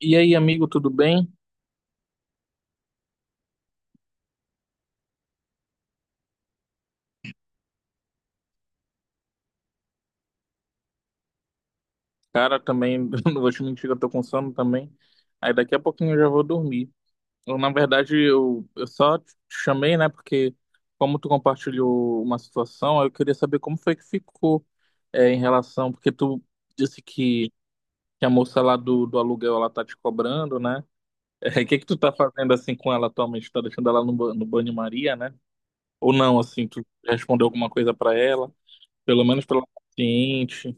E aí, amigo, tudo bem? Cara, também, não vou te mentir, eu tô com sono também. Aí daqui a pouquinho eu já vou dormir. Eu, na verdade, eu só te chamei, né? Porque como tu compartilhou uma situação, eu queria saber como foi que ficou em relação, porque tu disse que a moça lá do aluguel, ela tá te cobrando, né? O que que tu tá fazendo assim com ela atualmente? Tá deixando ela no banho-maria, né? Ou não, assim, tu respondeu alguma coisa pra ela? Pelo menos pela paciente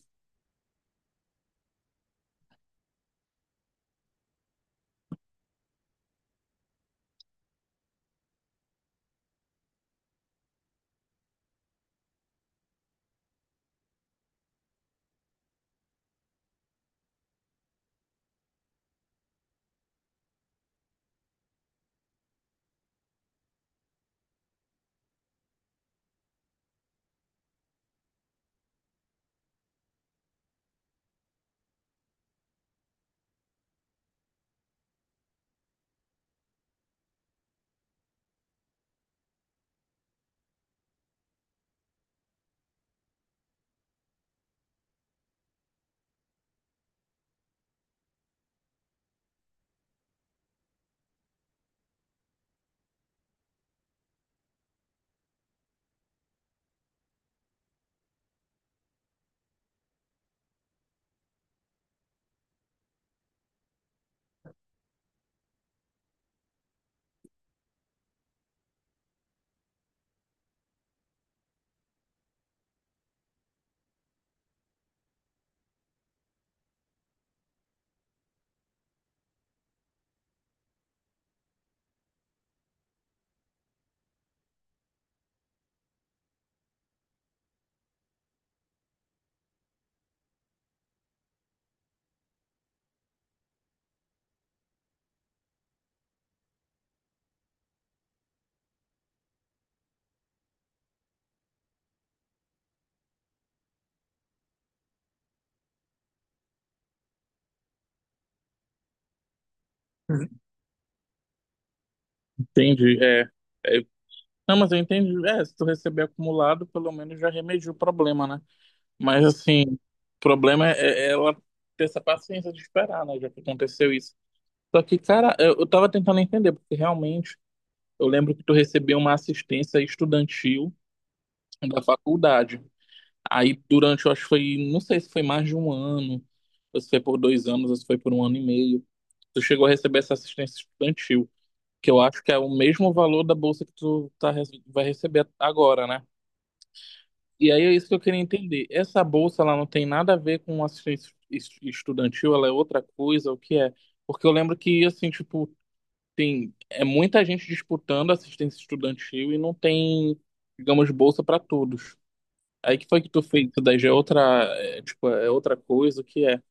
entende? É. é, Não, mas eu entendi. É, se tu receber acumulado, pelo menos já remediou o problema, né? Mas assim, o problema é ela ter essa paciência de esperar, né? Já que aconteceu isso. Só que, cara, eu tava tentando entender, porque realmente eu lembro que tu recebeu uma assistência estudantil da faculdade. Aí durante, eu acho que foi, não sei se foi mais de um ano, ou se foi por dois anos, ou se foi por um ano e meio. Tu chegou a receber essa assistência estudantil, que eu acho que é o mesmo valor da bolsa que tu tá, vai receber agora, né? E aí é isso que eu queria entender. Essa bolsa, ela não tem nada a ver com assistência estudantil, ela é outra coisa, o que é? Porque eu lembro que, assim, tipo, tem é muita gente disputando assistência estudantil e não tem, digamos, bolsa para todos. Aí que foi que tu fez isso daí? Já é outra, é, tipo, é outra coisa, o que é?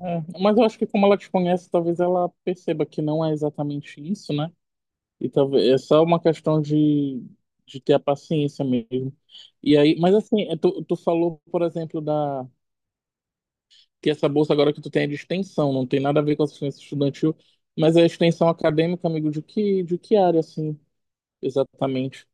É, mas eu acho que como ela te conhece, talvez ela perceba que não é exatamente isso, né? E talvez é só uma questão de ter a paciência mesmo. E aí, mas assim, tu falou, por exemplo, da que essa bolsa agora que tu tem é de extensão, não tem nada a ver com assistência estudantil, mas é extensão acadêmica, amigo, de que área, assim, exatamente?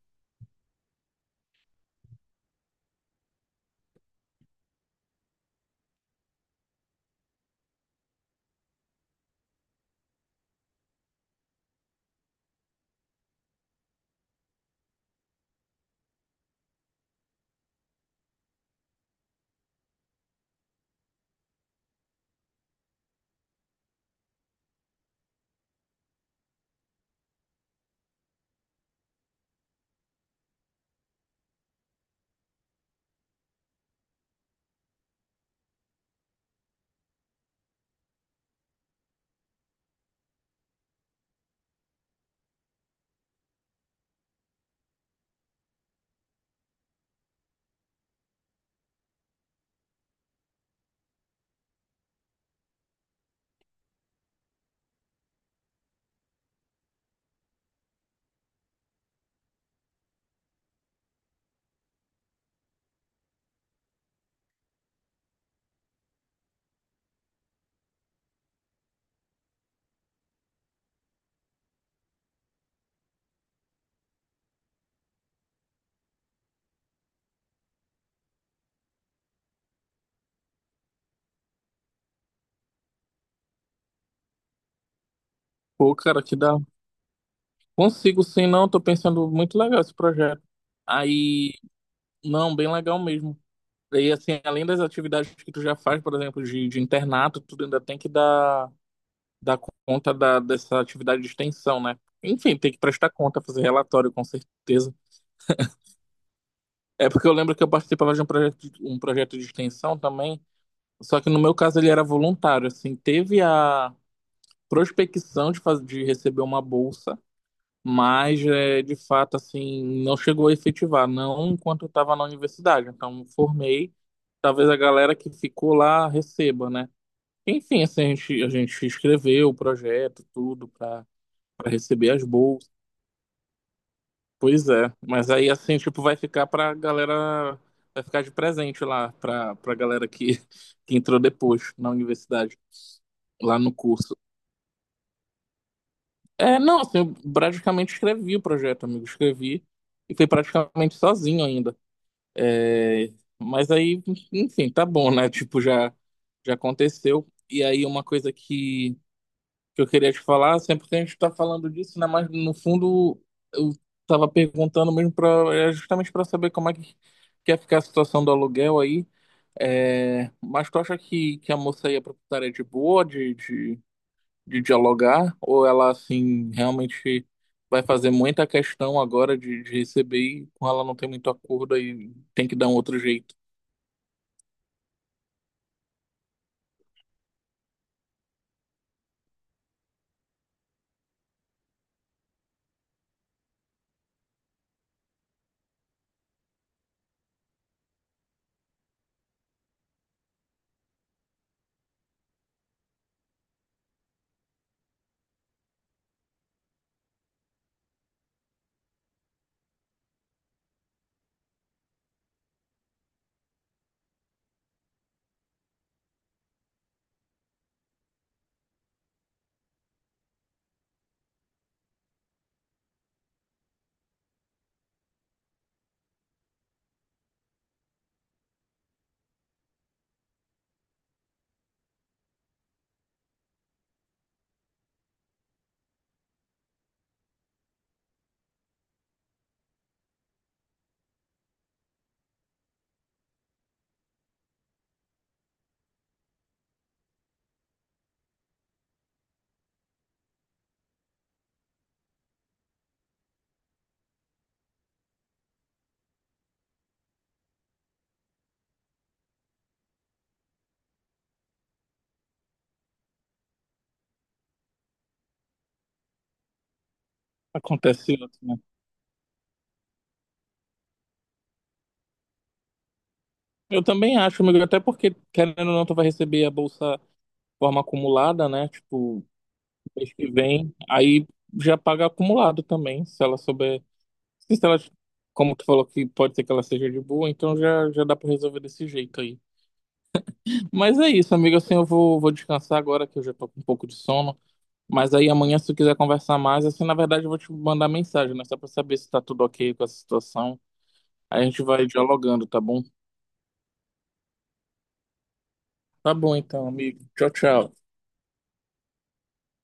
Pô, cara, que dá. Consigo sim, não, tô pensando muito legal esse projeto. Aí, não, bem legal mesmo. E assim, além das atividades que tu já faz, por exemplo, de internato, tu ainda tem que dar conta dessa atividade de extensão, né? Enfim, tem que prestar conta, fazer relatório, com certeza. É porque eu lembro que eu participava de um um projeto de extensão também, só que no meu caso ele era voluntário, assim, teve a prospecção de, de receber uma bolsa, mas é, de fato, assim, não chegou a efetivar, não enquanto eu estava na universidade. Então, me formei, talvez a galera que ficou lá receba, né? Enfim, assim, a gente escreveu o projeto, tudo, para receber as bolsas. Pois é, mas aí assim, tipo, vai ficar pra galera, vai ficar de presente lá, pra galera que, que entrou depois na universidade, lá no curso. É, não, assim, eu praticamente escrevi o projeto, amigo, escrevi e fui praticamente sozinho ainda. É, mas aí, enfim, tá bom, né? Tipo, já, já aconteceu. E aí uma coisa que eu queria te falar, sempre que a gente tá falando disso, né? Mas no fundo eu tava perguntando mesmo para é justamente para saber como é que quer ficar a situação do aluguel aí. É, mas tu acha que a moça aí, a proprietária é de boa de dialogar? Ou ela assim realmente vai fazer muita questão agora de receber e com ela não tem muito acordo aí tem que dar um outro jeito? Acontece outro, né? Eu também acho, amigo, até porque, querendo ou não, tu vai receber a bolsa de forma acumulada, né? Tipo, mês que vem, aí já paga acumulado também, se ela souber. Se ela, como tu falou que pode ser que ela seja de boa, então já, já dá pra resolver desse jeito aí. Mas é isso, amigo, assim, eu vou, vou descansar agora que eu já tô com um pouco de sono. Mas aí amanhã, se tu quiser conversar mais, assim, na verdade eu vou te mandar mensagem, né? Só pra saber se tá tudo ok com essa situação. Aí a gente vai dialogando, tá bom? Tá bom então, amigo. Tchau, tchau.